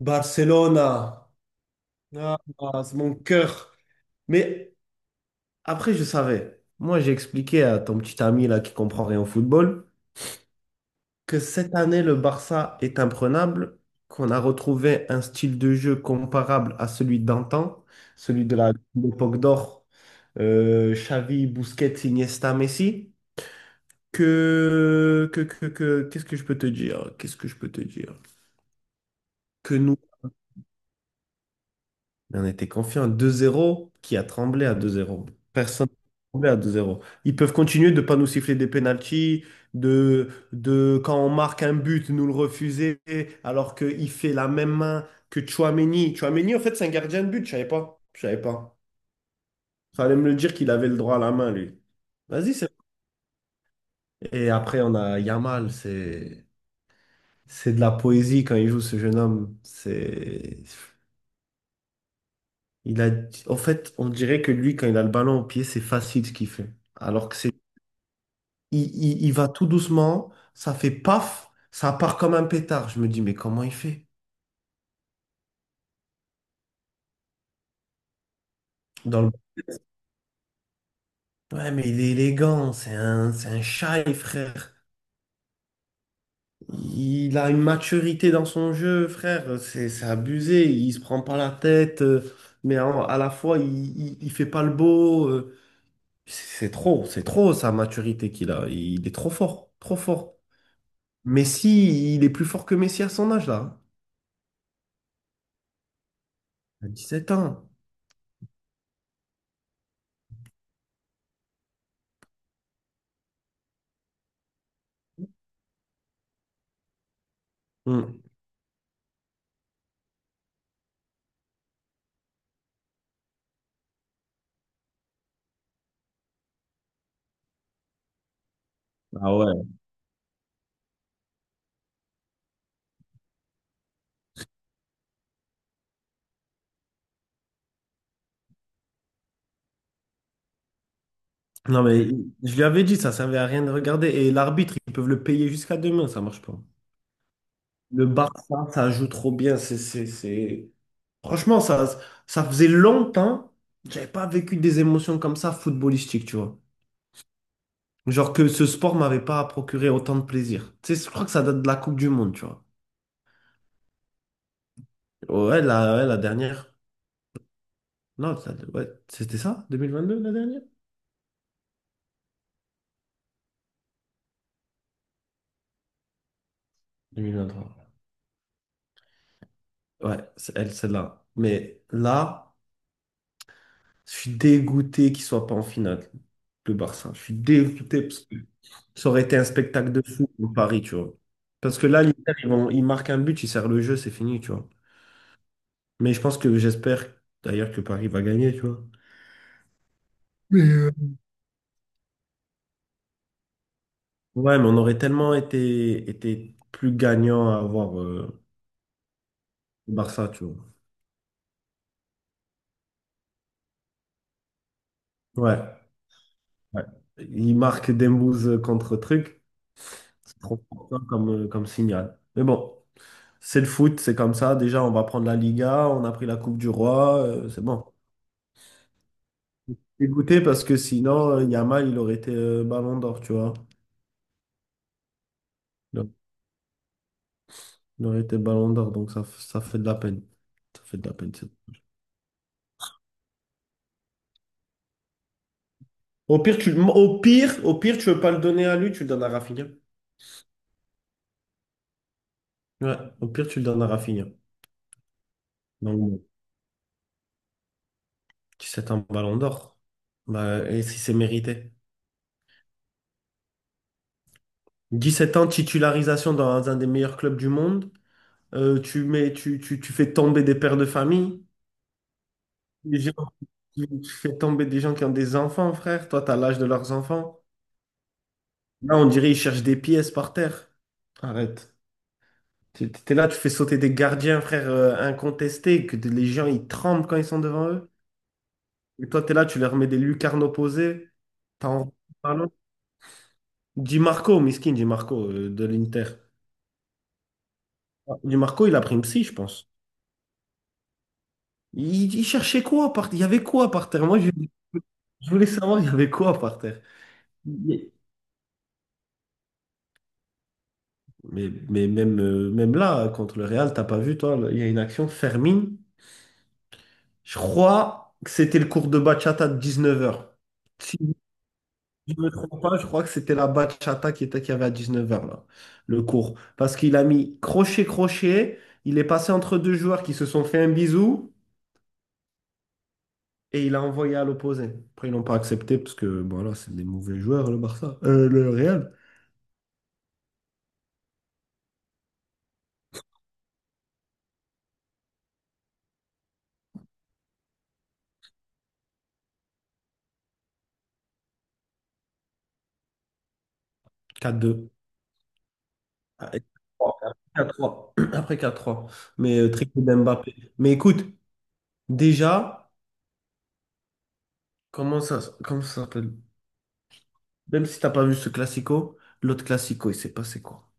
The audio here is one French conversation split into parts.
Barcelona, ah, ah, c'est mon cœur. Mais après, je savais. Moi, j'ai expliqué à ton petit ami là qui comprend rien au football que cette année, le Barça est imprenable, qu'on a retrouvé un style de jeu comparable à celui d'antan, celui de l'époque d'or, Xavi, Busquets, Iniesta, Messi. Qu'est-ce que je peux te dire? Qu'est-ce que je peux te dire? Que nous Mais on était confiant à 2-0, qui a tremblé à 2-0. Personne n'a tremblé à 2-0. Ils peuvent continuer de ne pas nous siffler des pénaltys, de quand on marque un but, nous le refuser, alors qu'il fait la même main que Chouameni. Chouameni, en fait, c'est un gardien de but, je savais pas. Je savais pas. Fallait me le dire qu'il avait le droit à la main, lui. Vas-y, c'est bon. Et après, on a Yamal, c'est de la poésie quand il joue ce jeune homme. C'est. Il a, en fait, on dirait que lui, quand il a le ballon au pied, c'est facile ce qu'il fait. Alors que c'est, il va tout doucement, ça fait paf, ça part comme un pétard. Je me dis, mais comment il fait? Dans le... Ouais, mais il est élégant, c'est un shy, frère. Il a une maturité dans son jeu, frère. C'est abusé, il se prend pas la tête, mais à la fois, il fait pas le beau. C'est trop, c'est trop sa maturité qu'il a. Il est trop fort, trop fort. Messi, il est plus fort que Messi à son âge, là. À 17 ans. Hmm. Ah ouais. Non, mais je lui avais dit, ça servait à rien de regarder. Et l'arbitre, ils peuvent le payer jusqu'à demain, ça marche pas. Le Barça, ça joue trop bien. Franchement, ça faisait longtemps que j'avais pas vécu des émotions comme ça footballistiques, tu vois. Genre que ce sport m'avait pas procuré autant de plaisir. Tu sais, je crois que ça date de la Coupe du Monde, tu vois. Ouais, la dernière. Non, ouais, c'était ça? 2022, la dernière? 2023. Ouais, c'est elle, celle-là. Mais là, je suis dégoûté qu'il soit pas en finale, le Barça. Je suis dégoûté parce que ça aurait été un spectacle de fou pour Paris, tu vois. Parce que là, l'Inter, ils marquent un but, ils serrent le jeu, c'est fini, tu vois. Mais je pense que j'espère d'ailleurs que Paris va gagner, tu vois. Mais euh, Ouais, mais on aurait tellement été plus gagnant à avoir le Barça, tu vois. Ouais, ouais. Il marque Dembouz contre truc. C'est trop fort, hein, comme signal. Mais bon. C'est le foot, c'est comme ça. Déjà, on va prendre la Liga, on a pris la Coupe du Roi, c'est bon. Dégoûté parce que sinon, Yamal, il aurait été Ballon d'Or, tu vois. Il aurait il aurait été Ballon d'Or, donc ça, ça fait de la peine. Ça fait de la peine. Bon. Au pire, au pire, tu veux pas le donner à lui, tu le donnes à Rafinha. Ouais, au pire, tu le donnes à Rafinha. Donc, bon, 17 ans, Ballon d'Or. Bah, et si c'est mérité. 17 ans, titularisation dans un des meilleurs clubs du monde. Tu mets, tu fais tomber des pères de famille. Des gens- tu tu fais tomber des gens qui ont des enfants, frère. Toi, t'as l'âge de leurs enfants. Là, on dirait ils cherchent des pièces par terre. Arrête. T'es là, tu fais sauter des gardiens, frère, incontestés, les gens, ils tremblent quand ils sont devant eux. Et toi, t'es là, tu leur mets des lucarnes opposées. T'en... Pardon? Di Marco, miskin, Di Marco, de l'Inter. Ah, Di Marco, il a pris une psy, je pense. Il cherchait quoi par terre? Il y avait quoi par terre? Moi, je voulais savoir, il y avait quoi par terre? Mais même là, hein, contre le Real, t'as pas vu, toi, il y a une action, Fermin, je crois que c'était le cours de bachata de 19 h. Si je ne me trompe pas, je crois que c'était la bachata qui était, qu'il y avait à 19 h, là, le cours. Parce qu'il a mis crochet, crochet, il est passé entre deux joueurs qui se sont fait un bisou et il a envoyé à l'opposé. Après, ils n'ont pas accepté parce que, voilà, c'est des mauvais joueurs, le Barça, le Real. 4-2. Ah, et 4-3. Après 4-3. Triplé d'Mbappé. Mais écoute. Déjà, comment ça s'appelle? Même si t'as pas vu ce classico, l'autre classico, il s'est passé quoi?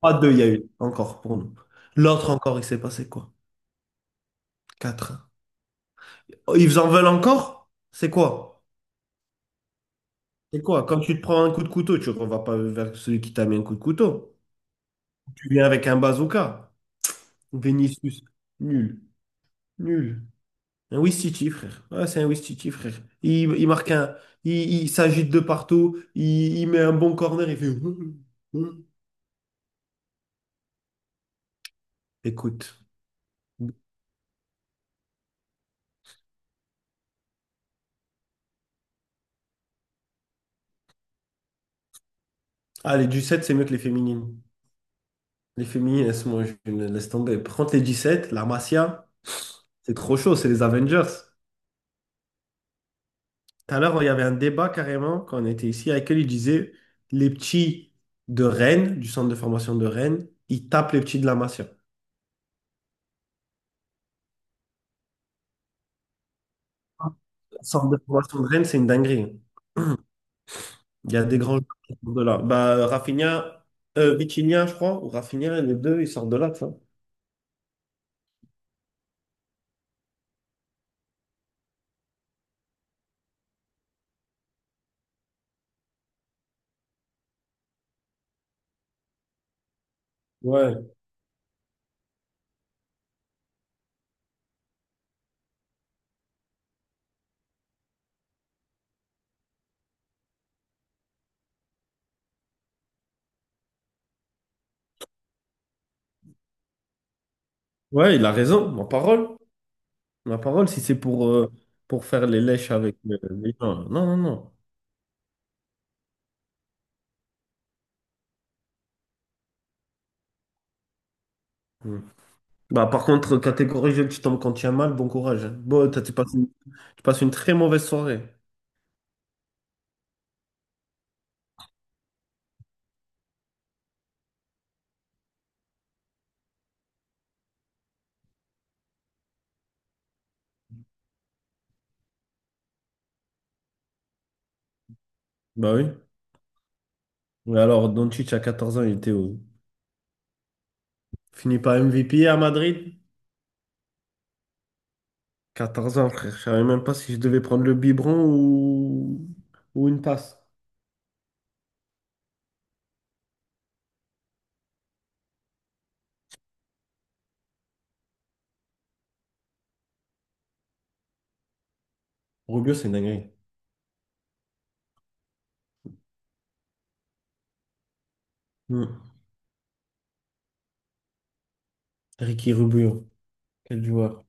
Pas deux, il y a eu encore pour nous. L'autre encore, il s'est passé quoi? Quatre. Oh, ils en veulent encore? C'est quoi? C'est quoi? Quand tu te prends un coup de couteau, tu ne vas pas vers celui qui t'a mis un coup de couteau. Tu viens avec un bazooka. Vinicius, nul, nul. Un Ouistiti, frère. Ouais, c'est un Ouistiti, frère. Il marque un. Il, il s'agite de partout. Il met un bon corner. Il fait. Écoute. Ah, les 17 c'est mieux que les féminines. Les féminines, moi, je les laisse tomber. Par contre, les sept la Masia, c'est trop chaud, c'est les Avengers. Tout à l'heure, il y avait un débat carrément quand on était ici avec elle. Il disait les petits de Rennes, du centre de formation de Rennes, ils tapent les petits de la Masia. Le centre de formation de Rennes, c'est une dinguerie. Il y a des grands joueurs qui sortent de là. Bah, Rafinha, Vitinha, je crois, ou Rafinha, les deux, ils sortent de là, tu vois. Ouais. Ouais, il a raison, ma parole. Ma parole, si c'est pour faire les lèches avec les gens. Non, non, non. Hmm. Bah, par contre, catégorie jeune, tu tombes quand tu as mal, bon courage, hein. Bon, tu passes une très mauvaise soirée. Bah oui. Mais alors, Doncic, à 14 ans, il était où? Fini par MVP à Madrid? 14 ans, frère. Je savais même pas si je devais prendre le biberon ou, une passe. Rubio, c'est une dinguerie. Hmm. Ricky Rubio, quel joueur.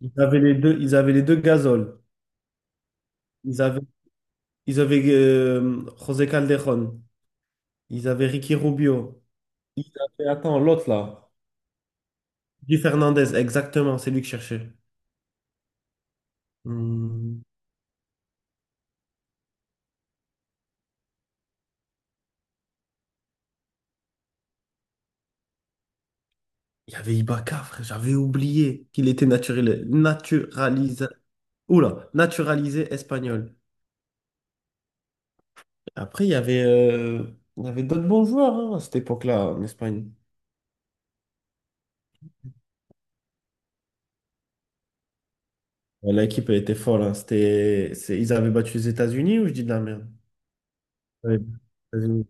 Ils avaient les deux Gasol. Ils avaient, ils avaient José Calderón. Ils avaient Ricky Rubio. Ils avaient, attends, l'autre là. Luis Fernandez, exactement, c'est lui que je cherchais. Hmm. Il y avait Ibaka, frère, j'avais oublié qu'il était naturalisé. Oula, naturalisé espagnol. Après, il y avait d'autres bons joueurs hein, à cette époque-là en Espagne. Ouais, l'équipe, elle était folle, hein. Ils avaient battu les États-Unis ou je dis de la merde? Ouais, les États-Unis.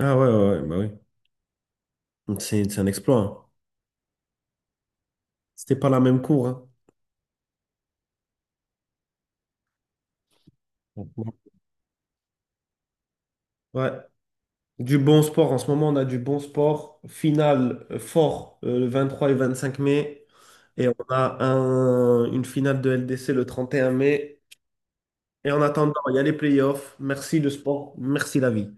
Ah ouais, ouais, ouais, bah oui. C'est un exploit, hein. C'était pas la même cour, hein. Ouais. Du bon sport, en ce moment, on a du bon sport. Finale fort le 23 et 25 mai. Et on a une finale de LDC le 31 mai. Et en attendant, il y a les playoffs. Merci le sport, merci la vie.